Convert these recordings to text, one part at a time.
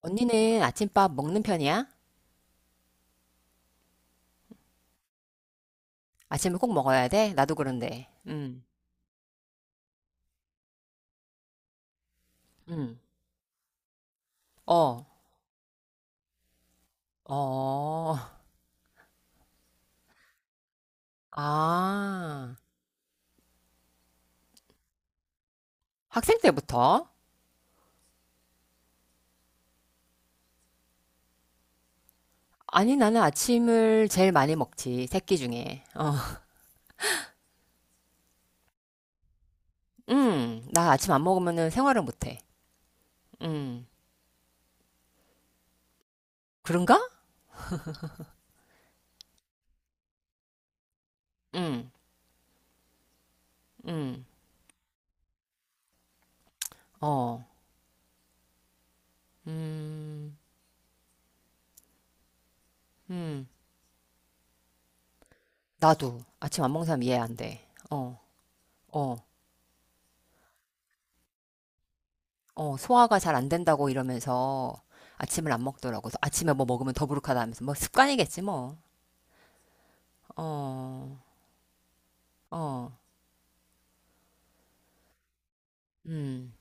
언니는 아침밥 먹는 편이야? 아침을 꼭 먹어야 돼? 나도 그런데. 음. 어, 어, 아. 학생 때부터? 아니, 나는 아침을 제일 많이 먹지. 새끼 중에. 어, 나 아침 안 먹으면은 생활을 못 해. 음. 그런가? 음, 음. 어, 음, 음. 나도 아침 안 먹는 사람 이해 안 돼. 어, 어. 어, 소화가 잘 안 된다고 이러면서 아침을 안 먹더라고. 그래서 아침에 뭐 먹으면 더부룩하다 하면서 뭐 습관이겠지 뭐. 어, 어, 음,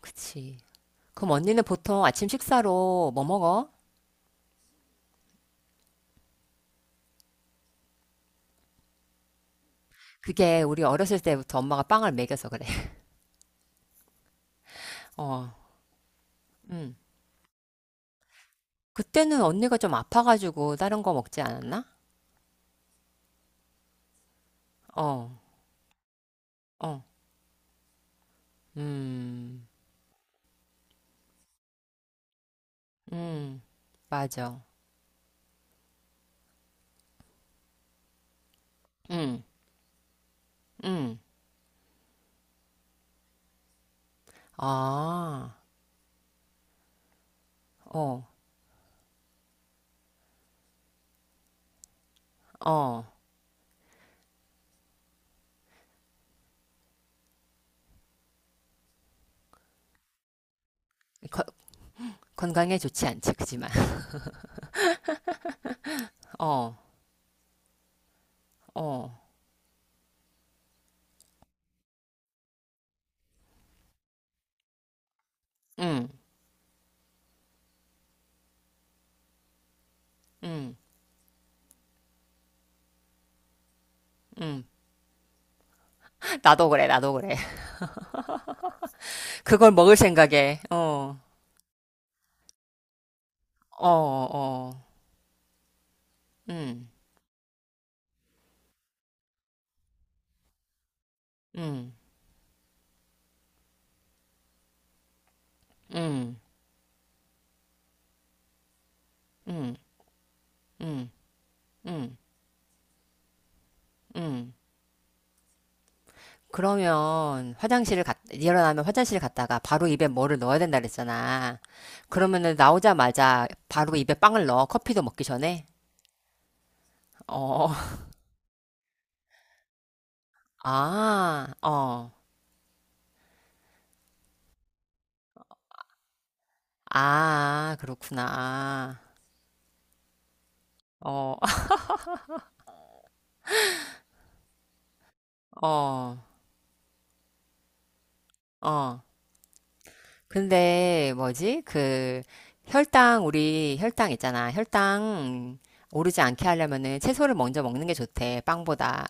그치. 그럼 언니는 보통 아침 식사로 뭐 먹어? 그게 우리 어렸을 때부터 엄마가 빵을 먹여서 그래. 어, 음. 그때는 언니가 좀 아파가지고 다른 거 먹지 않았나? 어, 어, 음, 음, 맞아. 음, 음. 아, 어, 어. 거- 건강에 좋지 않지, 그지만. 어, 어, 응, 응, 응. 나도 그래, 나도 그래. 그걸 먹을 생각에, 어, 어, 어, 응, 응, 응, 응, 응, 응, 응. 그러면 일어나면 화장실 갔다가 바로 입에 뭐를 넣어야 된다 그랬잖아. 그러면은 나오자마자 바로 입에 빵을 넣어. 커피도 먹기 전에. 어, 아, 어, 아, 그렇구나. 어, 어, 어. 근데 뭐지? 그 혈당 우리 혈당 있잖아. 혈당 오르지 않게 하려면은 채소를 먼저 먹는 게 좋대. 빵보다.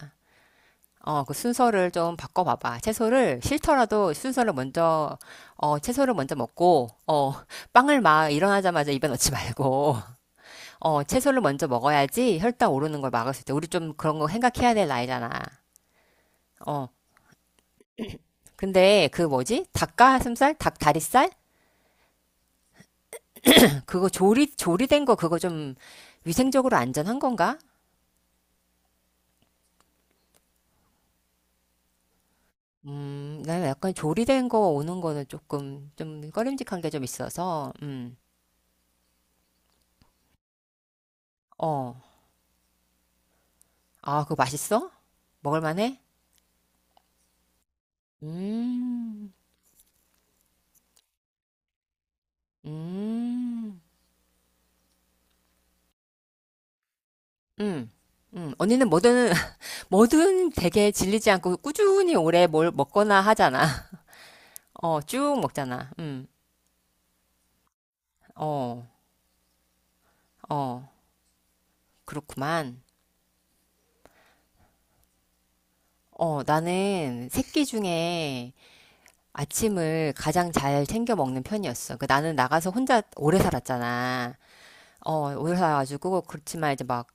어, 그 순서를 좀 바꿔봐봐. 채소를 싫더라도 순서를 먼저 어, 채소를 먼저 먹고 어, 빵을 막 일어나자마자 입에 넣지 말고 어, 채소를 먼저 먹어야지 혈당 오르는 걸 막을 수 있대. 우리 좀 그런 거 생각해야 될 나이잖아. 어. 근데 그 뭐지? 닭가슴살, 닭다리살 그거 조리된 거 그거 좀 위생적으로 안전한 건가? 나 약간 조리된 거 오는 거는 조금 좀 꺼림직한 게 좀 있어서, 어. 아, 그거 맛있어? 먹을 만해? 음, 음, 음, 언니는 뭐든, 뭐든 되게 질리지 않고 꾸준히 오래 뭘 먹거나 하잖아. 어, 쭉 먹잖아. 어, 어, 그렇구만. 어, 나는 새끼 중에 아침을 가장 잘 챙겨 먹는 편이었어. 그 나는 나가서 혼자 오래 살았잖아. 어, 오래 살아가지고 그렇지만 이제 막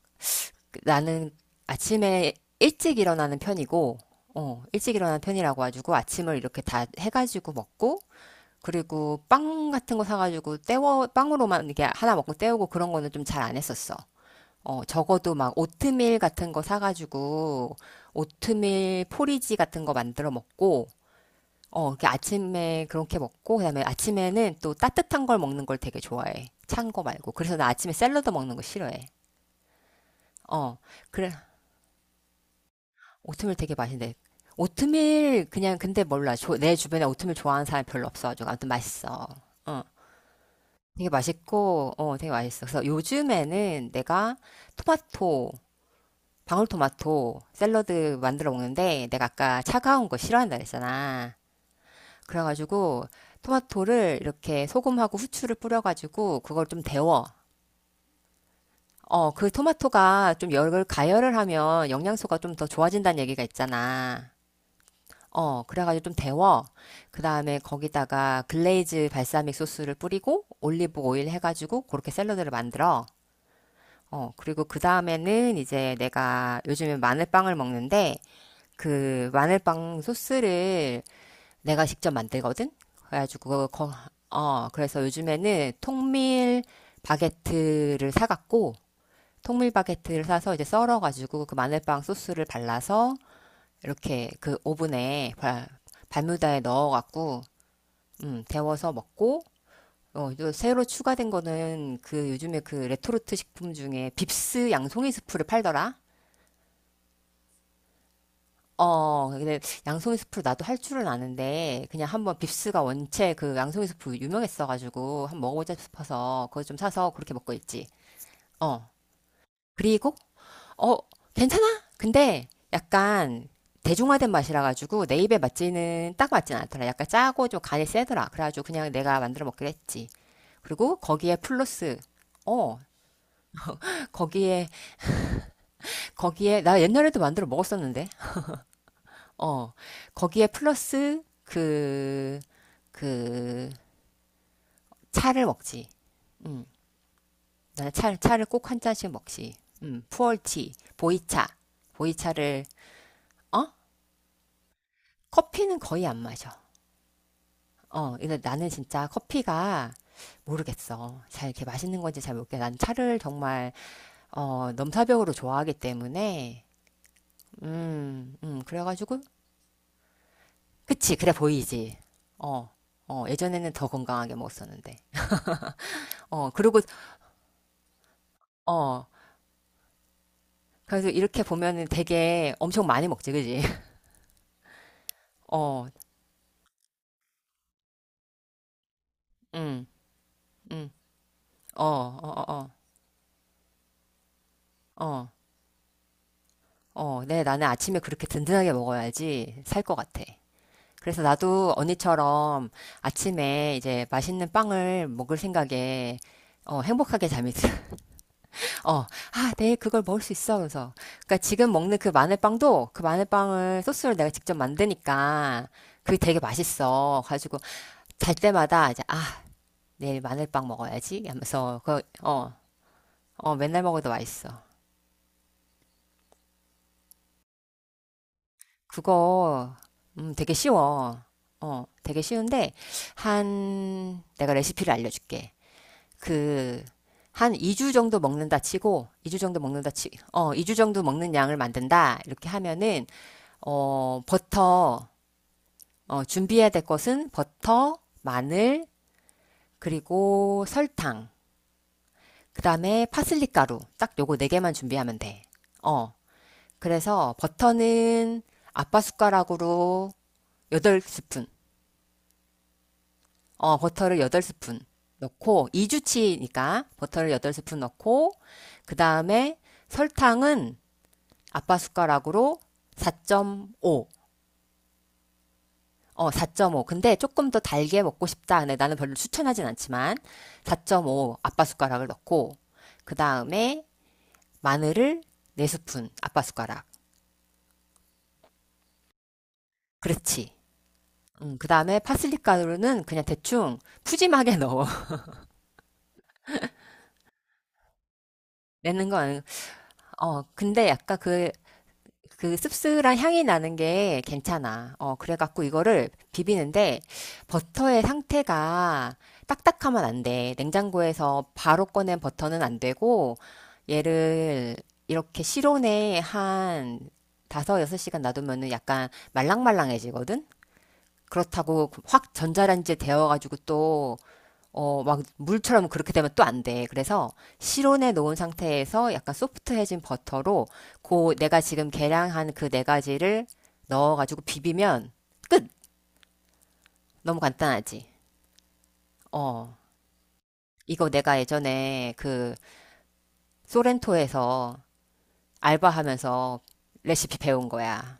나는 아침에 일찍 일어나는 편이고, 어, 일찍 일어나는 편이라고 해가지고 아침을 이렇게 다 해가지고 먹고, 그리고 빵 같은 거 사가지고 때워, 빵으로만 이게 하나 먹고 때우고 그런 거는 좀 잘 안 했었어. 어, 적어도 막 오트밀 같은 거 사가지고 오트밀 포리지 같은 거 만들어 먹고, 어, 그 아침에 그렇게 먹고, 그다음에 아침에는 또 따뜻한 걸 먹는 걸 되게 좋아해. 찬 거 말고. 그래서 나 아침에 샐러드 먹는 거 싫어해. 어, 그래. 오트밀 되게 맛있는데. 오트밀, 그냥, 근데 몰라. 내 주변에 오트밀 좋아하는 사람 별로 없어가지고. 아무튼 맛있어. 어, 되게 맛있고, 어, 되게 맛있어. 그래서 요즘에는 내가 토마토, 방울토마토 샐러드 만들어 먹는데, 내가 아까 차가운 거 싫어한다 그랬잖아. 그래가지고 토마토를 이렇게 소금하고 후추를 뿌려가지고 그걸 좀 데워. 어, 그 토마토가 좀 열을 가열을 하면 영양소가 좀 더 좋아진다는 얘기가 있잖아. 어, 그래가지고 좀 데워. 그 다음에 거기다가 글레이즈 발사믹 소스를 뿌리고 올리브 오일 해가지고 그렇게 샐러드를 만들어. 어, 그리고 그 다음에는 이제 내가 요즘에 마늘빵을 먹는데 그 마늘빵 소스를 내가 직접 만들거든? 그래가지고, 거, 어, 그래서 요즘에는 통밀 바게트를 사갖고, 통밀 바게트를 사서 이제 썰어가지고 그 마늘빵 소스를 발라서 이렇게 그 오븐에 발뮤다에 넣어갖고, 데워서 먹고, 어, 또 새로 추가된 거는 그 요즘에 그 레토르트 식품 중에 빕스 양송이 스프를 팔더라? 어, 근데 양송이 스프를 나도 할 줄은 아는데, 그냥 한번 빕스가 원체 그 양송이 스프 유명했어가지고, 한번 먹어보자 싶어서, 그거 좀 사서 그렇게 먹고 있지. 어. 그리고, 어, 괜찮아? 근데 약간 대중화된 맛이라가지고, 딱 맞진 않더라. 약간 짜고 좀 간이 세더라. 그래가지고 그냥 내가 만들어 먹기로 했지. 그리고 거기에 플러스, 어, 거기에, 거기에, 나 옛날에도 만들어 먹었었는데. 어, 거기에 플러스 그, 그, 차를 먹지. 나는 차, 차를 꼭 한 잔씩 먹지. 푸얼티, 보이차. 보이차를, 어? 커피는 거의 안 마셔. 어, 근데 나는 진짜 커피가 모르겠어. 잘 이렇게 맛있는 건지 잘 모르겠어. 난 차를 정말, 어, 넘사벽으로 좋아하기 때문에, 그래가지고, 그치, 그래 보이지. 어, 어, 예전에는 더 건강하게 먹었었는데. 어, 그리고, 어, 그래서 이렇게 보면은 되게 엄청 많이 먹지, 그지? 어, 음, 음, 어, 어, 어, 어, 어, 어. 네, 나는 아침에 그렇게 든든하게 먹어야지 살 것 같아. 그래서 나도 언니처럼 아침에 이제 맛있는 빵을 먹을 생각에 어, 행복하게 잠이 들어. 어, 아, 내일 그걸 먹을 수 있어. 그래서. 그러니까 지금 먹는 그 마늘빵도 그 마늘빵을 소스를 내가 직접 만드니까 그게 되게 맛있어. 가지고 잘 때마다 이제 아, 내일 마늘빵 먹어야지 하면서 그, 어, 어, 맨날 먹어도 맛있어. 그거 되게 쉬워. 어, 되게 쉬운데 한 내가 레시피를 알려줄게. 그 한 2주 정도 먹는다 치고 2주 정도 먹는다 치 어, 2주 정도 먹는 양을 만든다. 이렇게 하면은 어, 버터, 어, 준비해야 될 것은 버터, 마늘, 그리고 설탕, 그 다음에 파슬리 가루. 딱 요거 네 개만 준비하면 돼. 어, 그래서 버터는 아빠 숟가락으로 8스푼, 어, 버터를 8스푼 넣고, 2주치니까 버터를 8스푼 넣고, 그 다음에 설탕은 아빠 숟가락으로 4.5, 어, 사점오 근데 조금 더 달게 먹고 싶다. 네, 나는 별로 추천하진 않지만, 4.5 아빠 숟가락을 넣고, 그 다음에 마늘을 4스푼 아빠 숟가락. 그렇지. 그 다음에 파슬리 가루는 그냥 대충 푸짐하게 넣어. 내는 건 아니고. 어, 근데 약간 그, 그 씁쓸한 향이 나는 게 괜찮아. 어, 그래갖고 이거를 비비는데 버터의 상태가 딱딱하면 안 돼. 냉장고에서 바로 꺼낸 버터는 안 되고 얘를 이렇게 실온에 한 다섯 여섯 시간 놔두면은 약간 말랑말랑해지거든? 그렇다고 확 전자레인지에 데워가지고 또, 어, 막 물처럼 그렇게 되면 또 안 돼. 그래서 실온에 놓은 상태에서 약간 소프트해진 버터로 그 내가 지금 계량한 그 네 가지를 넣어가지고 비비면 끝! 너무 간단하지. 어. 이거 내가 예전에 그 소렌토에서 알바하면서 레시피 배운 거야.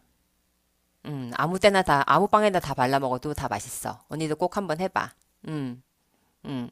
아무 때나 다, 아무 빵에나 다 발라 먹어도 다 맛있어. 언니도 꼭 한번 해봐. 음, 음.